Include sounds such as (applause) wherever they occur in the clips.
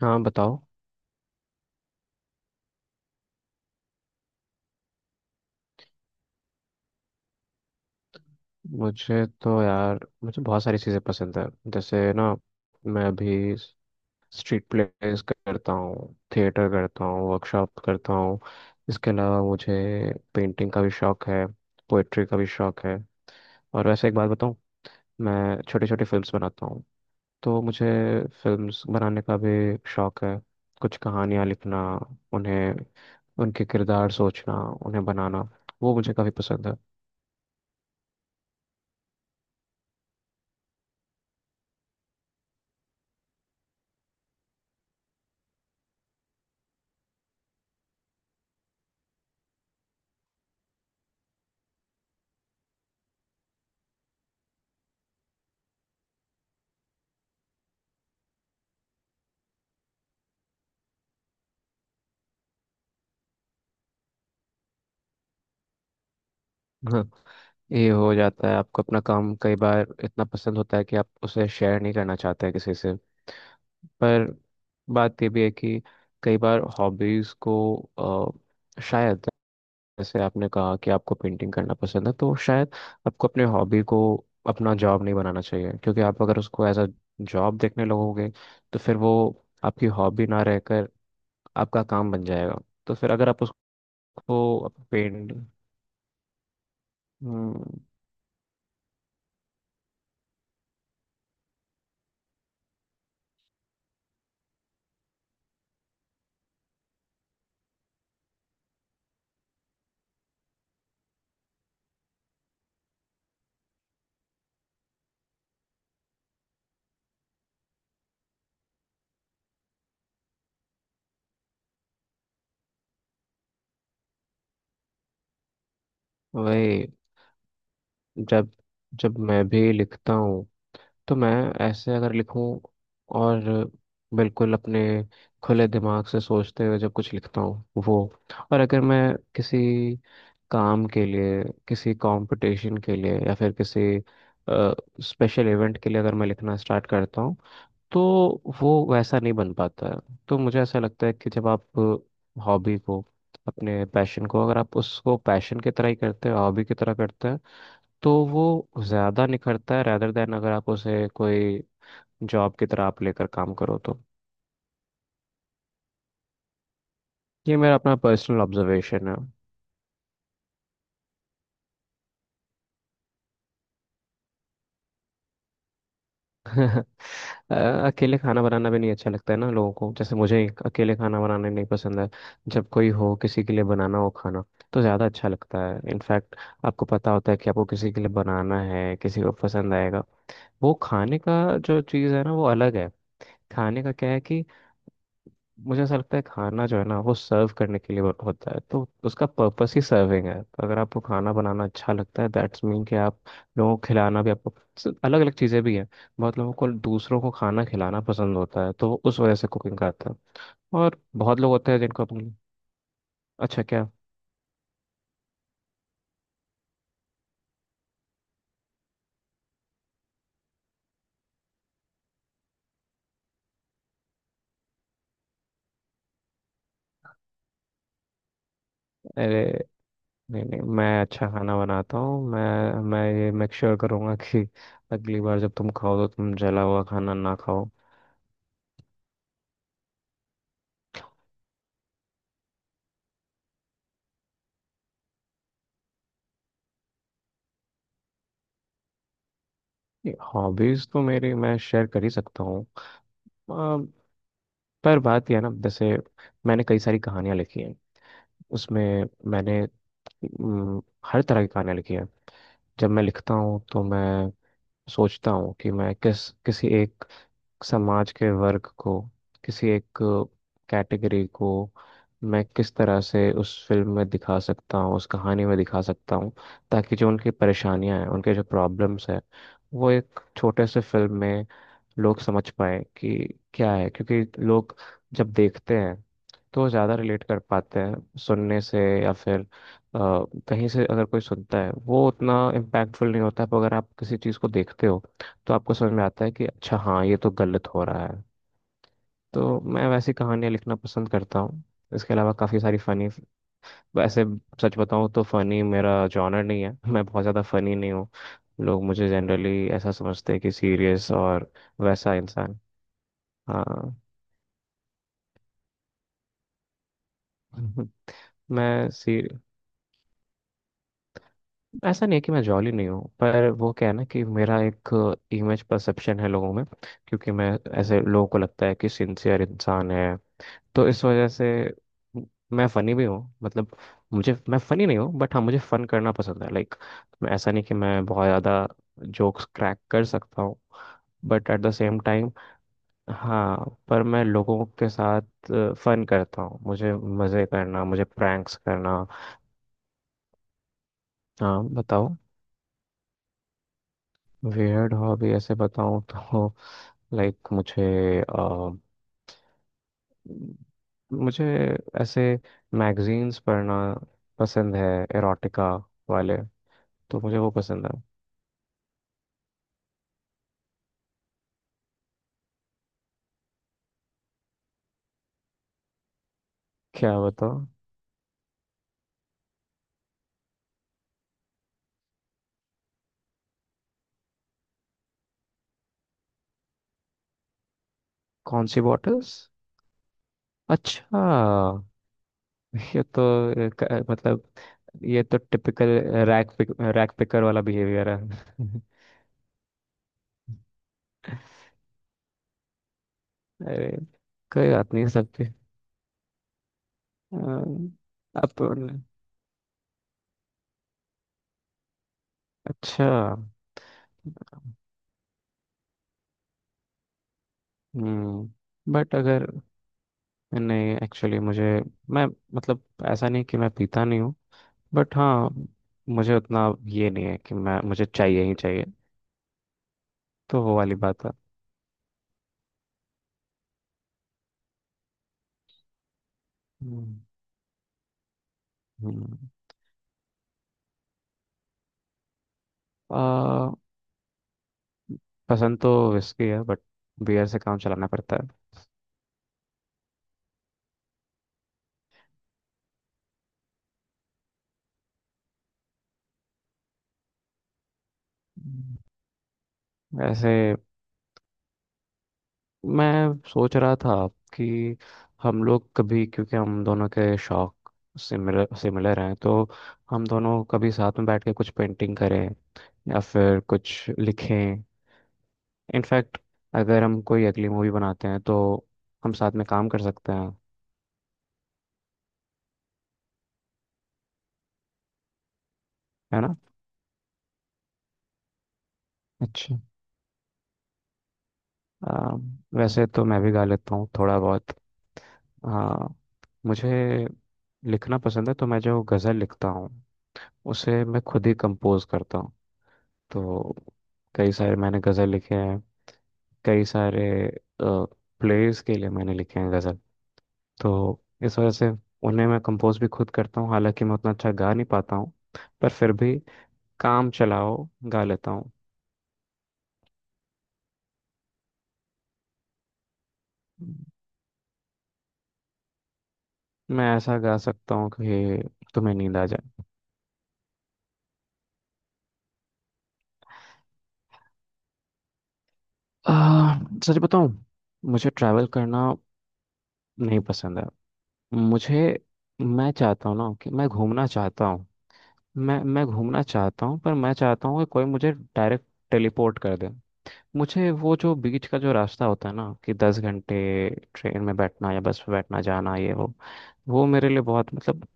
हाँ बताओ। मुझे तो यार, मुझे बहुत सारी चीज़ें पसंद है। जैसे ना, मैं अभी स्ट्रीट प्लेस करता हूँ, थिएटर करता हूँ, वर्कशॉप करता हूँ। इसके अलावा मुझे पेंटिंग का भी शौक है, पोइट्री का भी शौक है। और वैसे एक बात बताऊँ, मैं छोटे छोटे फिल्म्स बनाता हूँ। तो मुझे फिल्म्स बनाने का भी शौक है। कुछ कहानियाँ लिखना, उन्हें, उनके किरदार सोचना, उन्हें बनाना, वो मुझे काफ़ी पसंद है। (laughs) ये हो जाता है। आपको अपना काम कई बार इतना पसंद होता है कि आप उसे शेयर नहीं करना चाहते हैं किसी से। पर बात ये भी है कि कई बार हॉबीज़ को शायद, जैसे आपने कहा कि आपको पेंटिंग करना पसंद है, तो शायद आपको अपने हॉबी को अपना जॉब नहीं बनाना चाहिए, क्योंकि आप अगर उसको एज अ जॉब देखने लगोगे, तो फिर वो आपकी हॉबी ना रहकर आपका काम बन जाएगा। तो फिर अगर आप उसको पेंट वही। जब जब मैं भी लिखता हूँ, तो मैं, ऐसे अगर लिखूँ और बिल्कुल अपने खुले दिमाग से सोचते हुए जब कुछ लिखता हूँ वो, और अगर मैं किसी काम के लिए, किसी कंपटीशन के लिए, या फिर किसी स्पेशल इवेंट के लिए अगर मैं लिखना स्टार्ट करता हूँ, तो वो वैसा नहीं बन पाता है। तो मुझे ऐसा लगता है कि जब आप हॉबी को, अपने पैशन को, अगर आप उसको पैशन की तरह ही करते हैं, हॉबी की तरह करते हैं, तो वो ज़्यादा निखरता है, रैदर देन अगर आप उसे कोई जॉब की तरह आप लेकर काम करो तो। ये मेरा अपना पर्सनल ऑब्जर्वेशन है। (laughs) अ, अकेले खाना बनाना भी नहीं अच्छा लगता है ना लोगों को, जैसे मुझे अकेले खाना बनाना नहीं पसंद है। जब कोई हो, किसी के लिए बनाना हो खाना, तो ज़्यादा अच्छा लगता है। इनफैक्ट आपको पता होता है कि आपको किसी के लिए बनाना है, किसी को पसंद आएगा, वो खाने का जो चीज़ है ना, वो अलग है। खाने का क्या है कि मुझे ऐसा लगता है, खाना जो है ना वो सर्व करने के लिए होता है, तो उसका पर्पस ही सर्विंग है। तो अगर आपको खाना बनाना अच्छा लगता है दैट्स मीन कि आप लोगों को खिलाना भी आपको। अलग अलग चीज़ें भी हैं। बहुत लोगों को दूसरों को खाना खिलाना पसंद होता है, तो वो उस वजह से कुकिंग करते हैं। और बहुत लोग होते हैं जिनको अपनी। अच्छा क्या। अरे, नहीं नहीं, मैं अच्छा खाना बनाता हूँ। मैं ये मेक श्योर करूँगा कि अगली बार जब तुम खाओ तो तुम जला हुआ खाना ना खाओ। हॉबीज तो मेरी मैं शेयर कर ही सकता हूँ। पर बात यह है ना, जैसे मैंने कई सारी कहानियां लिखी हैं, उसमें मैंने अम, हर तरह की कहानियां लिखी हैं। जब मैं लिखता हूँ तो मैं सोचता हूँ कि मैं किसी एक समाज के वर्ग को, किसी एक कैटेगरी को मैं किस तरह से उस फिल्म में दिखा सकता हूँ, उस कहानी में दिखा सकता हूँ, ताकि जो उनकी परेशानियां हैं, उनके जो प्रॉब्लम्स हैं, वो एक छोटे से फिल्म में लोग समझ पाए कि क्या है, क्योंकि लोग जब देखते हैं तो वो ज़्यादा रिलेट कर पाते हैं सुनने से, या फिर कहीं से अगर कोई सुनता है वो उतना इम्पैक्टफुल नहीं होता है, पर अगर आप किसी चीज़ को देखते हो तो आपको समझ में आता है कि अच्छा हाँ, ये तो गलत हो रहा है। तो मैं वैसी कहानियाँ लिखना पसंद करता हूँ। इसके अलावा काफ़ी सारी फ़नी, वैसे सच बताऊँ तो फ़नी मेरा जॉनर नहीं है, मैं बहुत ज़्यादा फ़नी नहीं हूँ। लोग मुझे जनरली ऐसा समझते हैं कि सीरियस और वैसा इंसान। हाँ। (laughs) मैं सी ऐसा नहीं है कि मैं जॉली नहीं हूँ, पर वो क्या है ना कि मेरा एक इमेज परसेप्शन है लोगों में, क्योंकि मैं ऐसे लोगों को लगता है कि सिंसियर इंसान है, तो इस वजह से म- मैं फनी भी हूँ मतलब। मुझे, मैं फनी नहीं हूँ बट हाँ, मुझे फन करना पसंद है लाइक। मैं ऐसा नहीं कि मैं बहुत ज़्यादा जोक्स क्रैक कर सकता हूँ but at the same time, हाँ पर मैं लोगों के साथ फन करता हूँ, मुझे मज़े करना, मुझे प्रैंक्स करना। हाँ बताओ। वियर्ड हॉबी ऐसे बताऊं तो, लाइक मुझे अ, मुझे ऐसे मैगजीन्स पढ़ना पसंद है, एरोटिका वाले, तो मुझे वो पसंद है। क्या बताओ। कौन सी बॉटल्स। अच्छा, ये तो मतलब ये तो टिपिकल रैक पिकर वाला बिहेवियर है। (laughs) अरे कोई बात नहीं सबके अ, अप अच्छा। हम्म। बट अगर, नहीं एक्चुअली मुझे, मैं, मतलब, ऐसा नहीं कि मैं पीता नहीं हूँ बट हाँ, मुझे उतना ये नहीं है कि मैं, मुझे चाहिए ही चाहिए। तो वो वाली बात है। हम्म, हम्म। आ, पसंद तो विस्की है बट बियर से काम चलाना पड़ता है। हम्म। वैसे मैं सोच रहा था कि हम लोग कभी, क्योंकि हम दोनों के शौक सिमिलर सिमिलर हैं, तो हम दोनों कभी साथ में बैठ के कुछ पेंटिंग करें या फिर कुछ लिखें। इनफैक्ट, अगर हम कोई अगली मूवी बनाते हैं तो हम साथ में काम कर सकते हैं। है ना। अच्छा। आ, वैसे तो मैं भी गा लेता हूँ थोड़ा बहुत। हाँ, मुझे लिखना पसंद है, तो मैं जो गज़ल लिखता हूँ उसे मैं खुद ही कंपोज करता हूँ। तो कई सारे मैंने गज़ल लिखे हैं, कई सारे प्लेयर्स के लिए मैंने लिखे हैं गज़ल, तो इस वजह से उन्हें मैं कंपोज भी खुद करता हूँ, हालांकि मैं उतना अच्छा गा नहीं पाता हूँ, पर फिर भी काम चलाओ गा लेता हूँ। मैं ऐसा गा सकता हूँ कि तुम्हें नींद आ जाए। आ, सच बताऊँ, मुझे ट्रैवल करना नहीं पसंद है। मुझे, मैं चाहता हूँ ना कि मैं घूमना चाहता हूँ। मैं घूमना चाहता हूँ, पर मैं चाहता हूँ कि कोई मुझे डायरेक्ट टेलीपोर्ट कर दे। मुझे वो जो बीच का जो रास्ता होता है ना, कि 10 घंटे ट्रेन में बैठना या बस में बैठना, जाना ये वो मेरे लिए बहुत मतलब,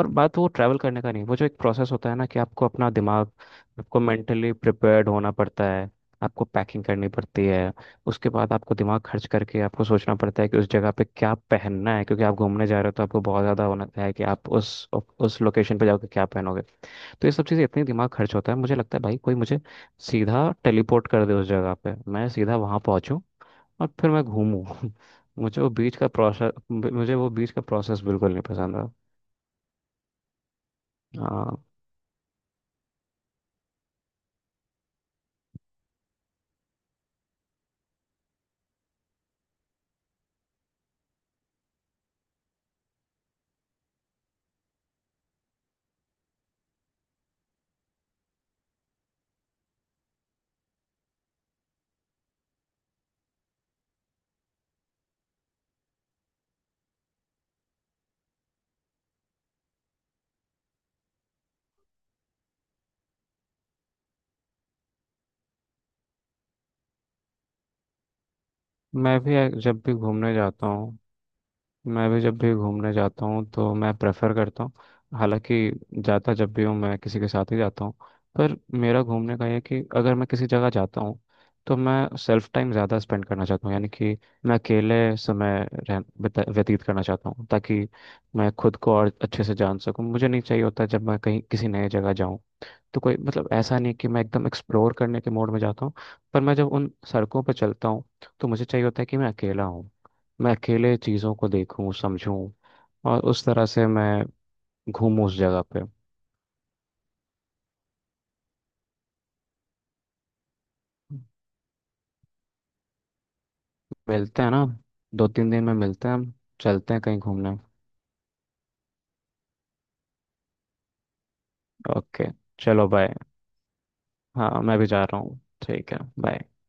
और बात वो ट्रैवल करने का नहीं, वो जो एक प्रोसेस होता है ना, कि आपको अपना दिमाग, आपको मेंटली प्रिपेयर्ड होना पड़ता है। आपको पैकिंग करनी पड़ती है। उसके बाद आपको दिमाग खर्च करके आपको सोचना पड़ता है कि उस जगह पे क्या पहनना है, क्योंकि आप घूमने जा रहे हो तो आपको बहुत ज़्यादा होना है कि आप उस लोकेशन पे जाकर क्या पहनोगे। तो ये सब चीज़ें इतनी, दिमाग खर्च होता है, मुझे लगता है भाई कोई मुझे सीधा टेलीपोर्ट कर दे उस जगह पे, मैं सीधा वहाँ पहुँचूँ और फिर मैं घूमूँ। (laughs) मुझे वो बीच का प्रोसेस बिल्कुल नहीं पसंद है। मैं भी जब भी घूमने जाता हूँ मैं भी जब भी घूमने जाता हूँ तो मैं प्रेफर करता हूँ। हालांकि जाता जब भी हूँ मैं किसी के साथ ही जाता हूँ। पर मेरा घूमने का ये है कि अगर मैं किसी जगह जाता हूँ, तो मैं सेल्फ टाइम ज़्यादा स्पेंड करना चाहता हूँ, यानी कि मैं अकेले समय व्यतीत करना चाहता हूँ, ताकि मैं खुद को और अच्छे से जान सकूँ। मुझे नहीं चाहिए होता जब मैं कहीं किसी नए जगह जाऊँ तो कोई, मतलब ऐसा नहीं कि मैं एकदम एक्सप्लोर करने के मोड में जाता हूँ, पर मैं जब उन सड़कों पर चलता हूँ तो मुझे चाहिए होता है कि मैं अकेला हूँ, मैं अकेले चीज़ों को देखूं समझूं और उस तरह से मैं घूमूं उस जगह पे। मिलते हैं ना, दो तीन दिन में मिलते हैं हम, चलते हैं कहीं घूमने। ओके, चलो बाय। हाँ मैं भी जा रहा हूँ, ठीक है बाय।